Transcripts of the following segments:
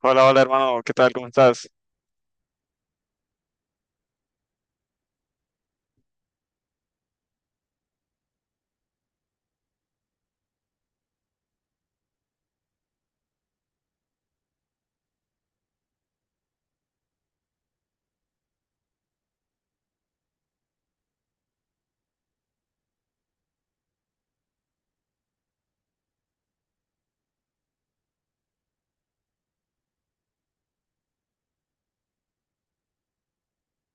Hola, hermano, ¿qué tal? ¿Cómo estás?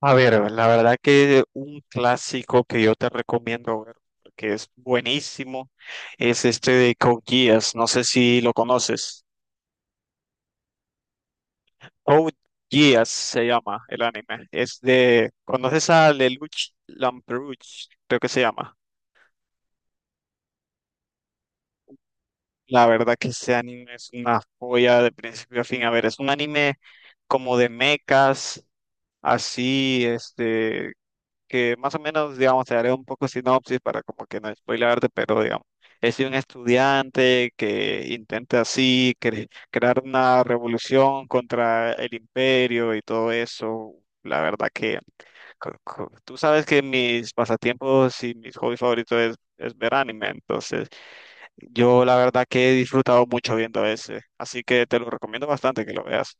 A ver, la verdad que un clásico que yo te recomiendo ver, que es buenísimo, es este de Code Geass, no sé si lo conoces. Code Geass se llama el anime, es de, ¿conoces a Lelouch Lamperouche? Creo que se llama. La verdad que ese anime es una joya de principio a fin. A ver, es un anime como de mechas, así, que más o menos, digamos, te haré un poco sinopsis para como que no spoilearte, pero digamos, es de un estudiante que intenta así crear una revolución contra el imperio y todo eso. La verdad que tú sabes que mis pasatiempos y mis hobbies favoritos es ver anime, entonces yo la verdad que he disfrutado mucho viendo ese, así que te lo recomiendo bastante que lo veas.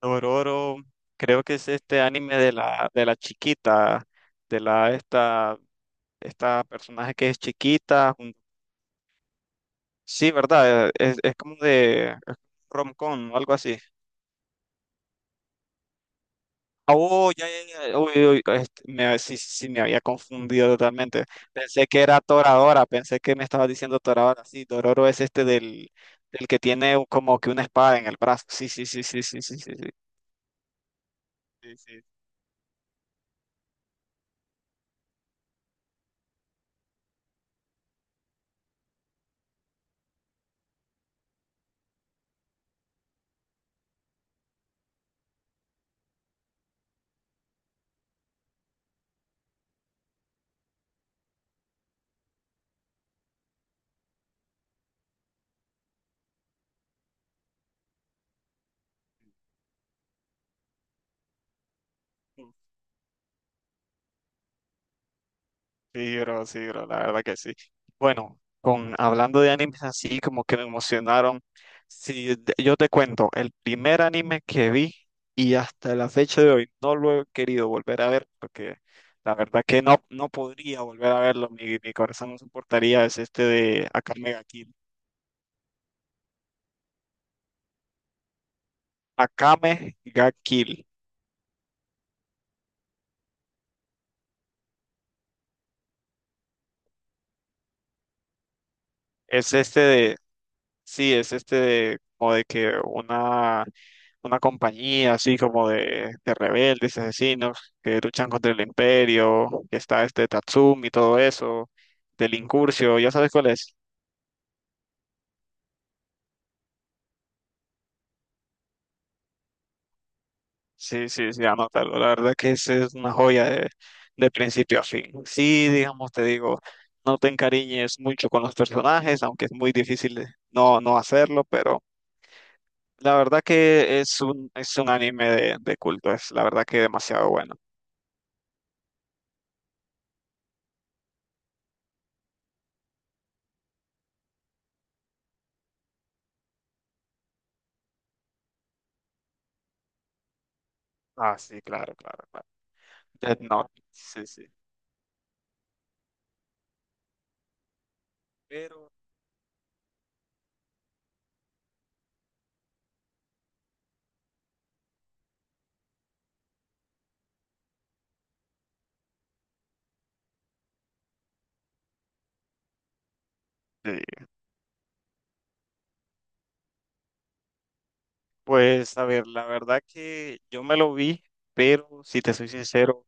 Dororo, creo que es este anime de de la chiquita, de la esta, esta personaje que es chiquita. Sí, ¿verdad? Es como de es rom-com o algo así. Ah, oh, ya, ya, ya. Uy, uy, sí, sí, sí, me había confundido totalmente. Pensé que era Toradora, pensé que me estaba diciendo Toradora. Sí, Dororo es este del que tiene como que una espada en el brazo. Sí, sí, sí, sí, sí, sí, sí, sí. Sí, sí. Sí, bro, la verdad que sí. Bueno, con hablando de animes así como que me emocionaron, sí, yo te cuento, el primer anime que vi y hasta la fecha de hoy no lo he querido volver a ver porque la verdad que no, no podría volver a verlo, mi corazón no soportaría, es este de Akame ga Kill. Akame ga Kill, es este de, sí, es este de como de que una compañía así como de rebeldes, asesinos, que luchan contra el imperio, que está este Tatsumi y todo eso, del Incurcio, ya sabes cuál es. Sí, sí, sí, anótalo. La verdad que ese es una joya de principio a fin. Sí, digamos, te digo, no te encariñes mucho con los personajes, aunque es muy difícil no, no hacerlo, pero la verdad que es un anime de culto, es la verdad que demasiado bueno. Ah, sí, claro, claro, claro. Death Note, sí, sí. Pero sí. Pues a ver, la verdad que yo me lo vi, pero si te soy sincero,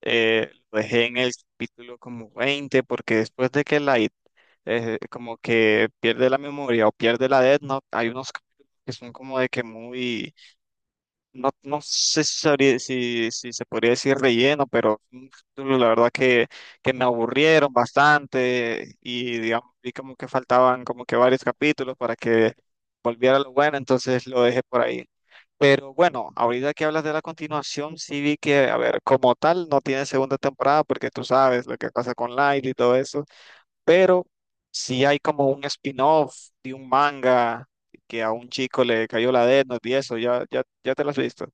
lo dejé en el capítulo como 20 porque después de que Light como que pierde la memoria o pierde la Death Note, hay unos capítulos que son como de que muy no, no sé si, si, si se podría decir relleno, pero la verdad que me aburrieron bastante y digamos, vi como que faltaban como que varios capítulos para que volviera lo bueno, entonces lo dejé por ahí. Pero bueno, ahorita que hablas de la continuación, sí vi que, a ver, como tal, no tiene segunda temporada porque tú sabes lo que pasa con Light y todo eso, pero sí hay como un spin-off de un manga que a un chico le cayó la dedo y eso, ya, ya, ya te lo has visto.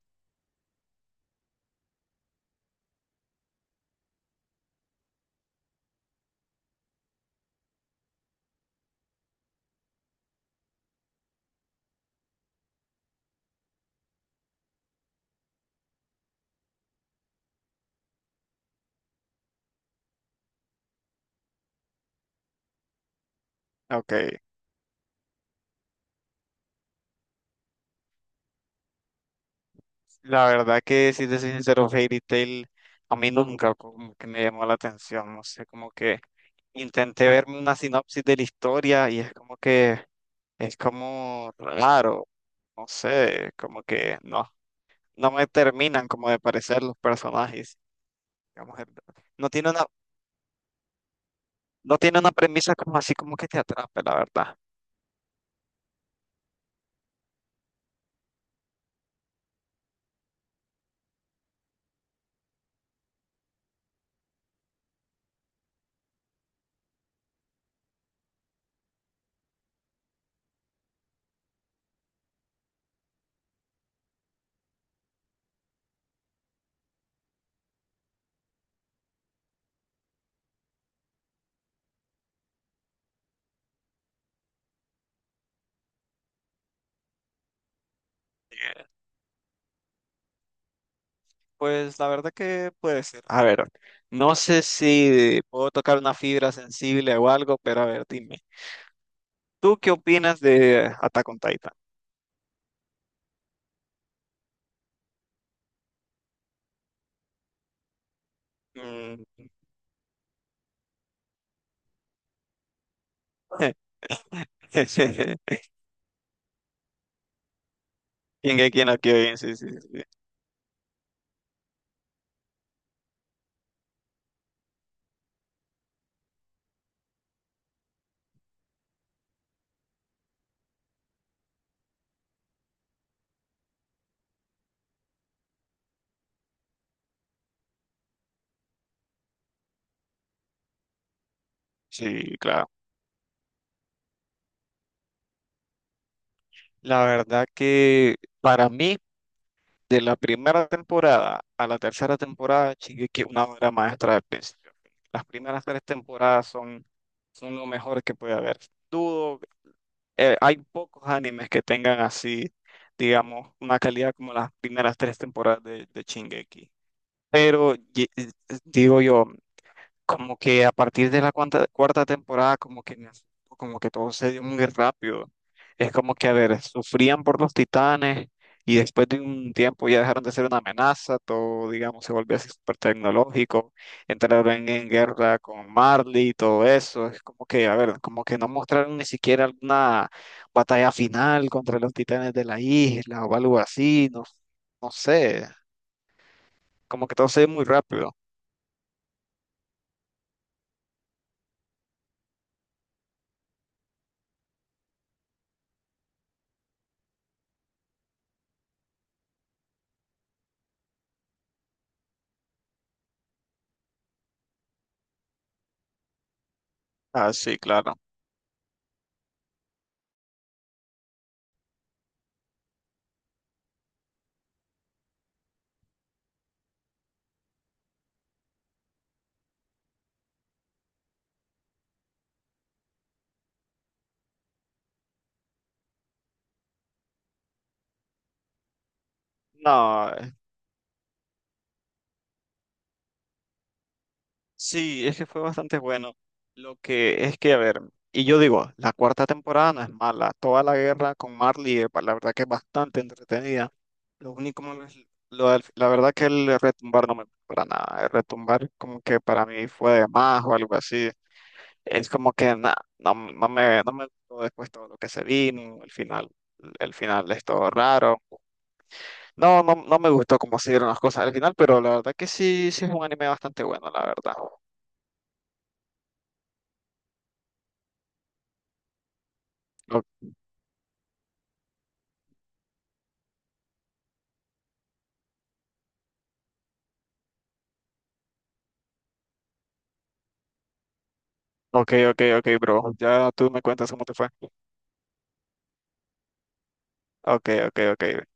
Ok, la verdad que si te soy sincero, Fairy Tail a mí nunca como que me llamó la atención, no sé, como que intenté verme una sinopsis de la historia y es como que es como raro, no sé, como que no, no me terminan como de parecer los personajes, digamos, no tiene una, no tiene una premisa como así como que te atrape, la verdad. Eh, Pues la verdad que puede ser. A ver, no sé si puedo tocar una fibra sensible o algo, pero a ver, dime. ¿Tú qué opinas de Attack on Titan? Mm. Shingeki no Kyojin, sí, sí, sí. Sí, claro. La verdad que para mí, de la primera temporada a la tercera temporada, Shingeki es una obra maestra del principio a fin. Las primeras tres temporadas son, son lo mejor que puede haber. Dudo, hay pocos animes que tengan así, digamos, una calidad como las primeras tres temporadas de Shingeki. Pero digo yo, como que a partir de cuarta temporada, como que me asustó, como que todo se dio muy rápido. Es como que, a ver, sufrían por los titanes y después de un tiempo ya dejaron de ser una amenaza, todo, digamos, se volvió así súper tecnológico, entraron en guerra con Marley y todo eso. Es como que, a ver, como que no mostraron ni siquiera alguna batalla final contra los titanes de la isla o algo así, no, no sé, como que todo se dio muy rápido. Ah, sí, claro. No, sí, es que fue bastante bueno. Lo que es que, a ver, y yo digo, la cuarta temporada no es mala. Toda la guerra con Marley, la verdad que es bastante entretenida. Lo único malo es la verdad que el retumbar no me gustó para nada. El retumbar como que para mí fue de más o algo así. Es como que no, no me gustó después todo lo que se vino, el final. El final es todo raro. No, no, no me gustó cómo se dieron las cosas al final, pero la verdad que sí, sí es un anime bastante bueno, la verdad. Ok, ok, ok, bro. Ya tú me cuentas cómo te fue. Ok, ok, ok.